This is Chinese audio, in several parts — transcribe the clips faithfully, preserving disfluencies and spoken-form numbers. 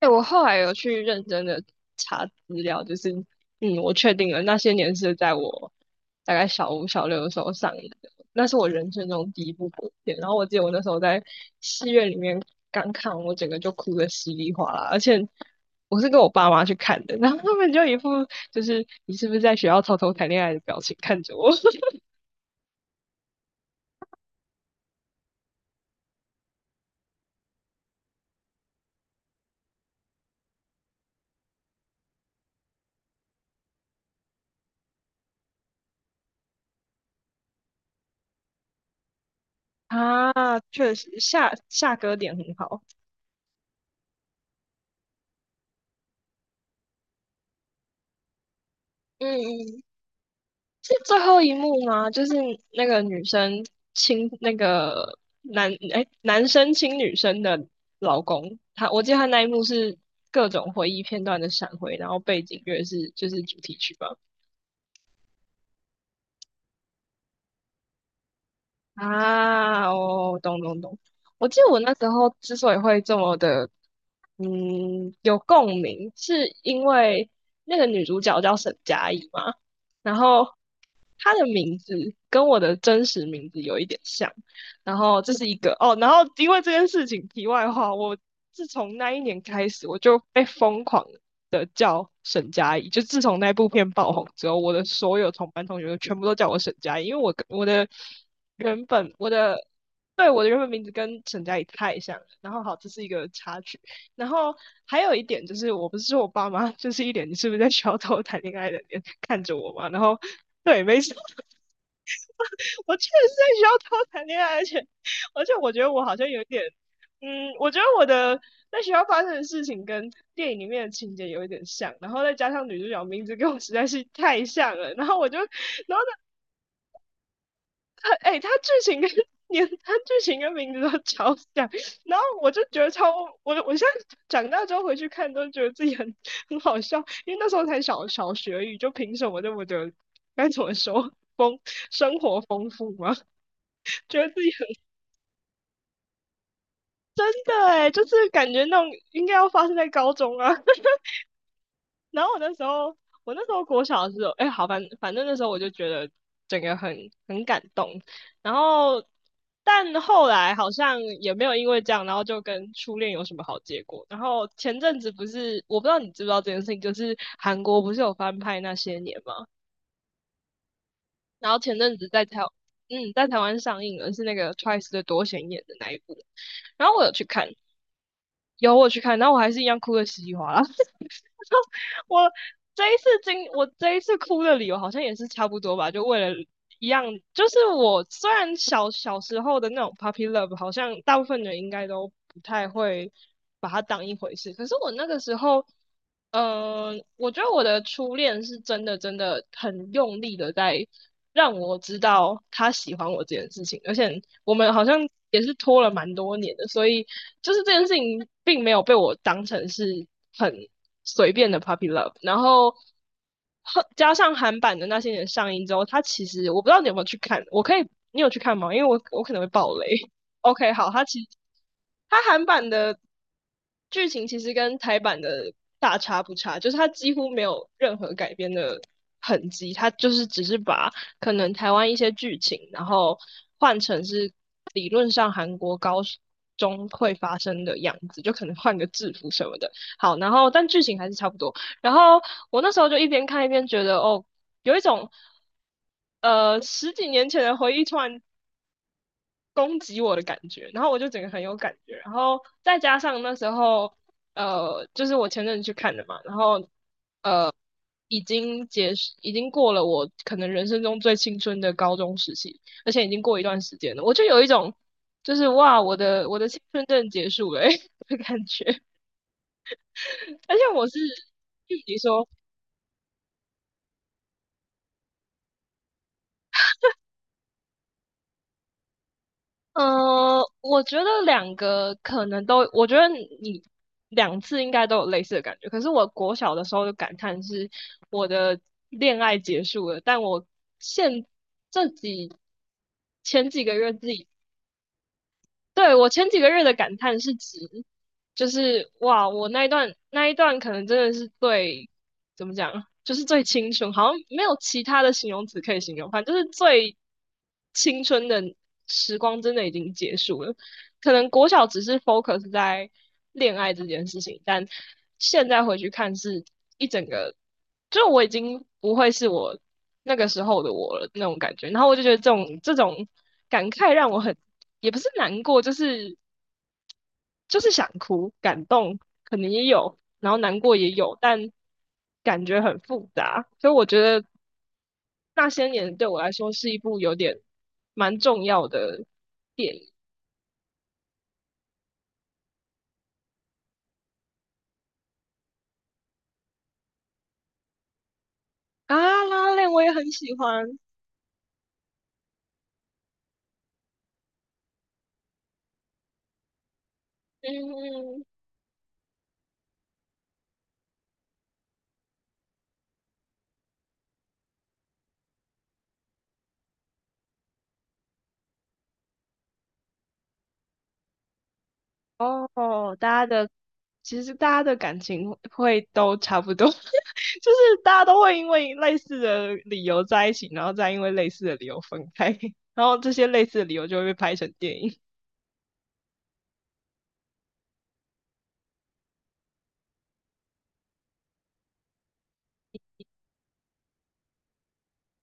对，我后来有去认真的查资料，就是，嗯，我确定了那些年是在我大概小五、小六的时候上映的，那是我人生中第一部国片。然后我记得我那时候在戏院里面刚看，我整个就哭得稀里哗啦，而且我是跟我爸妈去看的，然后他们就一副就是你是不是在学校偷偷谈恋爱的表情看着我。 啊，确实下下歌点很好。嗯嗯，是最后一幕吗？就是那个女生亲那个男，哎，男生亲女生的老公。他我记得他那一幕是各种回忆片段的闪回，然后背景乐是就是主题曲吧。啊，哦，懂懂懂。我记得我那时候之所以会这么的，嗯，有共鸣，是因为那个女主角叫沈佳宜嘛。然后他的名字跟我的真实名字有一点像，然后这是一个哦，然后因为这件事情，题外话，我自从那一年开始，我就被疯狂的叫沈佳宜，就自从那部片爆红之后，我的所有同班同学全部都叫我沈佳宜，因为我跟我的原本我的，对，我的原本名字跟沈佳宜太像了。然后好，这是一个插曲。然后还有一点就是，我不是说我爸妈就是一脸你是不是在学校偷谈恋爱的脸看着我嘛。然后对，没错，我确实是在学校偷谈恋爱。而且而且我觉得我好像有一点，嗯，我觉得我的在学校发生的事情跟电影里面的情节有一点像，然后再加上女主角名字跟我实在是太像了，然后我就，然后哎，他剧情跟连它剧情跟名字都超像。然后我就觉得超，我我现在长大之后回去看都觉得自己很很好笑，因为那时候才小小学而已，就凭什么这么的该怎么说丰生活丰富吗？觉得自己很真的哎，就是感觉那种应该要发生在高中啊。然后我那时候，我那时候国小的时候，哎，好，反反正那时候我就觉得整个很很感动。然后，但后来好像也没有因为这样，然后就跟初恋有什么好结果。然后前阵子不是，我不知道你知不知道这件事情，就是韩国不是有翻拍那些年吗？然后前阵子在台，嗯，在台湾上映了，是那个 Twice 的多贤演的那一部。然后我有去看，有我有去看，然后我还是一样哭的稀里哗啦。我这一次经，我这一次哭的理由好像也是差不多吧，就为了一样，就是我虽然小小时候的那种 puppy love，好像大部分人应该都不太会把它当一回事，可是我那个时候。嗯、呃我觉得我的初恋是真的真的很用力的在让我知道他喜欢我这件事情，而且我们好像也是拖了蛮多年的，所以就是这件事情并没有被我当成是很随便的 puppy love。然后呵加上韩版的那些年上映之后，他其实我不知道你有没有去看，我可以，你有去看吗？因为我我可能会爆雷。OK，好，他其实它韩版的剧情其实跟台版的大差不差，就是他几乎没有任何改编的很急，他就是只是把可能台湾一些剧情，然后换成是理论上韩国高中会发生的样子，就可能换个制服什么的。好，然后但剧情还是差不多。然后我那时候就一边看一边觉得，哦，有一种呃十几年前的回忆突然攻击我的感觉，然后我就整个很有感觉，然后再加上那时候呃，就是我前阵子去看的嘛，然后呃，已经结束，已经过了我可能人生中最青春的高中时期，而且已经过一段时间了，我就有一种就是哇，我的我的青春正结束了、欸、的感觉。而且我是。就你说，呃，我觉得两个可能都，我觉得你两次应该都有类似的感觉。可是我国小的时候的感叹是，我的恋爱结束了，但我现这几前几个月自己，对，我前几个月的感叹是指，就是哇，我那一段那一段可能真的是最怎么讲，就是最青春，好像没有其他的形容词可以形容，反正就是最青春的时光真的已经结束了。可能国小只是 focus 在恋爱这件事情，但现在回去看是一整个，就我已经不会是我那个时候的我了那种感觉。然后我就觉得这种这种感慨让我很，也不是难过，就是就是想哭，感动可能也有，然后难过也有，但感觉很复杂。所以我觉得那些年对我来说是一部有点蛮重要的电影。啊，拉拉链我也很喜欢。嗯，哦，大家的其实大家的感情会会都差不多，就是大家都会因为类似的理由在一起，然后再因为类似的理由分开，然后这些类似的理由就会被拍成电影。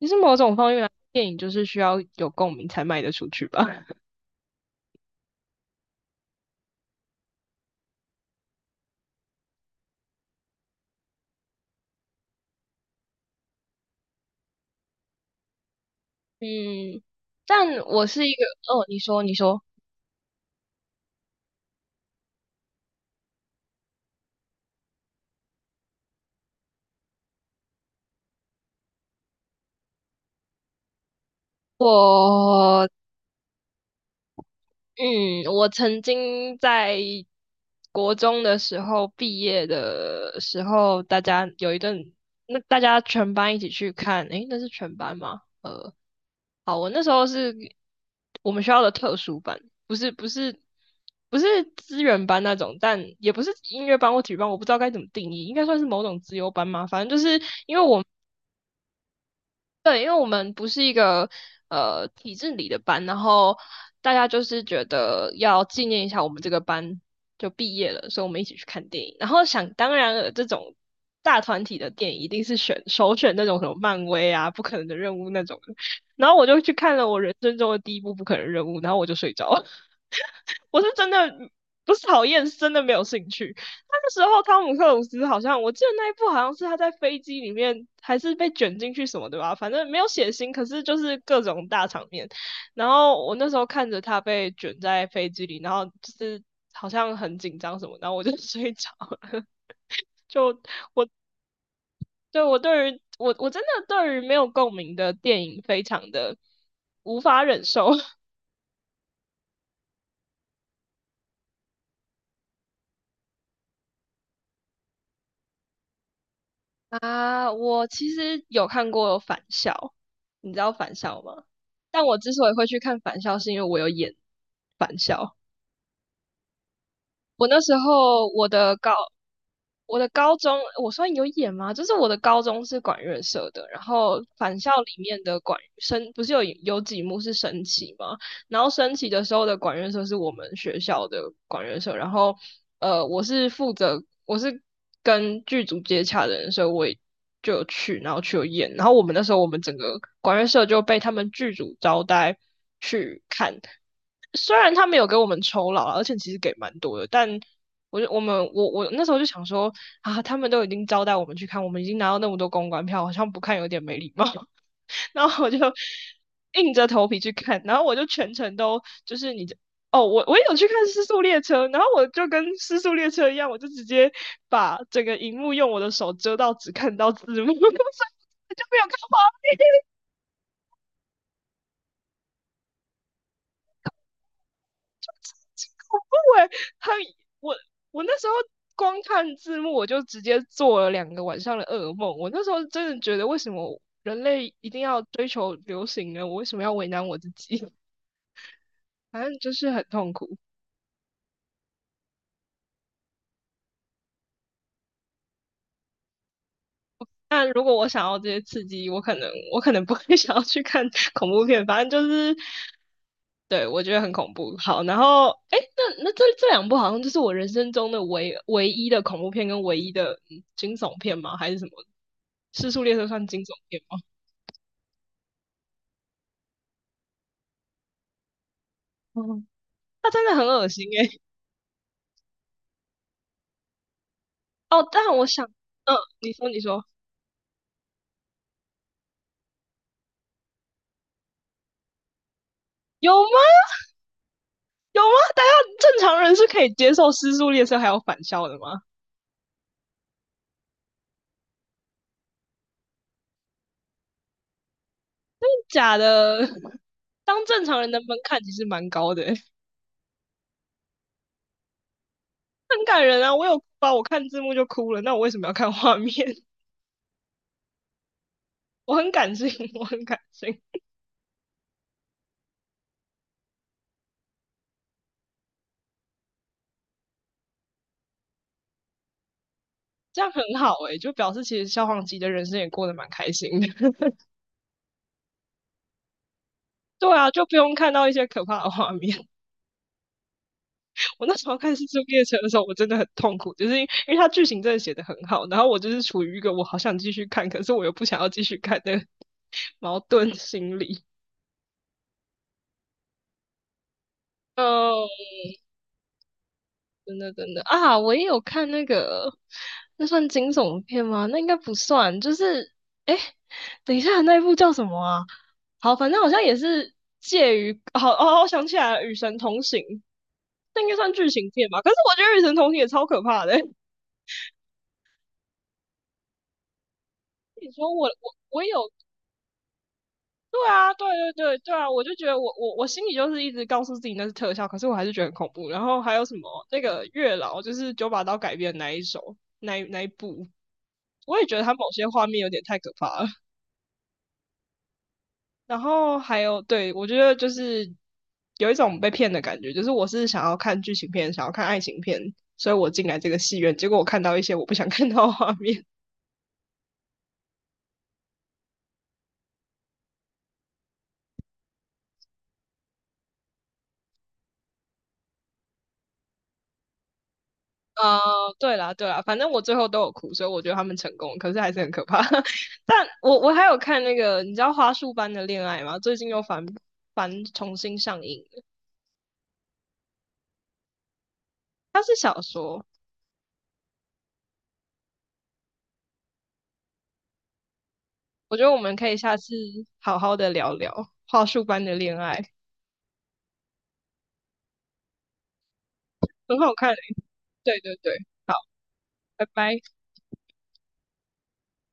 其实某种方面来说电影就是需要有共鸣才卖得出去吧。嗯，但我是一个，哦，你说，你说，我嗯，我曾经在国中的时候毕业的时候，大家有一顿，那大家全班一起去看，诶，那是全班吗？呃，好，我那时候是我们学校的特殊班，不是不是不是资源班那种，但也不是音乐班或体育班，我不知道该怎么定义，应该算是某种资优班嘛。反正就是因为我对，因为我们不是一个呃体制里的班，然后大家就是觉得要纪念一下我们这个班就毕业了，所以我们一起去看电影。然后想当然了，这种大团体的电影一定是选首选那种什么漫威啊、不可能的任务那种的，然后我就去看了我人生中的第一部不可能任务，然后我就睡着了。我是真的不是讨厌，是真的没有兴趣。那个时候汤姆克鲁斯好像，我记得那一部好像是他在飞机里面还是被卷进去什么对吧，反正没有血腥，可是就是各种大场面。然后我那时候看着他被卷在飞机里，然后就是好像很紧张什么，然后我就 睡着了。就我对我对于我我真的对于没有共鸣的电影非常的无法忍受。啊，我其实有看过《返校》，你知道《返校》吗？但我之所以会去看《返校》，是因为我有演《返校》。我那时候我的高我的高中，我算有演吗？就是我的高中是管乐社的，然后《返校》里面的管升不是有有几幕是升旗吗？然后升旗的时候的管乐社是我们学校的管乐社，然后呃，我是负责我是跟剧组接洽的人，所以我也就有去，然后去有演，然后我们那时候我们整个管乐社就被他们剧组招待去看，虽然他们有给我们酬劳啊而且其实给蛮多的，但。我就我们我我那时候就想说啊，他们都已经招待我们去看，我们已经拿到那么多公关票，好像不看有点没礼貌。然后我就 硬着头皮去看，然后我就全程都就是你哦，我我也有去看《失速列车》，然后我就跟《失速列车》一样，我就直接把整个荧幕用我的手遮到，只看到字幕，所以我就没有看画面。因为很我我那时候光看字幕，我就直接做了两个晚上的噩梦。我那时候真的觉得，为什么人类一定要追求流行呢？我为什么要为难我自己？反正就是很痛苦。那如果我想要这些刺激，我可能我可能不会 想要去看 恐怖片，反正就是对我觉得很恐怖。好，然后哎，诶那那这这两部好像就是我人生中的唯唯一的恐怖片跟唯一的嗯惊悚片吗？还是什么？《失速列车》算惊悚片吗？嗯，它真的很恶心诶、哦，但我想，嗯，你说你说有吗？有吗？大家正常人是可以接受失速列车还有返校的吗？假的，当正常人的门槛其实蛮高的欸、很感人啊！我有哭啊，我看字幕就哭了。那我为什么要看画面？我很感性，我很感性，这样很好诶、欸就表示其实消防级的人生也过得蛮开心的。对啊，就不用看到一些可怕的画面。我那时候看《失速列车》的时候，我真的很痛苦，就是因为它剧情真的写得很好，然后我就是处于一个我好想继续看，可是我又不想要继续看的 矛盾心理。哦。真的真的啊，我也有看那个，那算惊悚片吗？那应该不算，就是哎，诶等一下，那一部叫什么啊？好，反正好像也是介于，好哦，我想起来了，《与神同行》，那应该算剧情片吧？可是我觉得《与神同行》也超可怕的、欸你说我我我有，对啊，对对对对啊，我就觉得我我我心里就是一直告诉自己那是特效，可是我还是觉得很恐怖。然后还有什么那个月老，就是九把刀改编的那一首，那一那一部。我也觉得他某些画面有点太可怕了。然后还有，对，我觉得就是有一种被骗的感觉，就是我是想要看剧情片，想要看爱情片，所以我进来这个戏院，结果我看到一些我不想看到的画面。啊、呃对啦，对啦，反正我最后都有哭，所以我觉得他们成功，可是还是很可怕。但我我还有看那个，你知道《花束般的恋爱》吗？最近又翻翻重新上映了。它是小说，我觉得我们可以下次好好的聊聊《花束般的恋爱》，很好看。对对对，好，拜拜。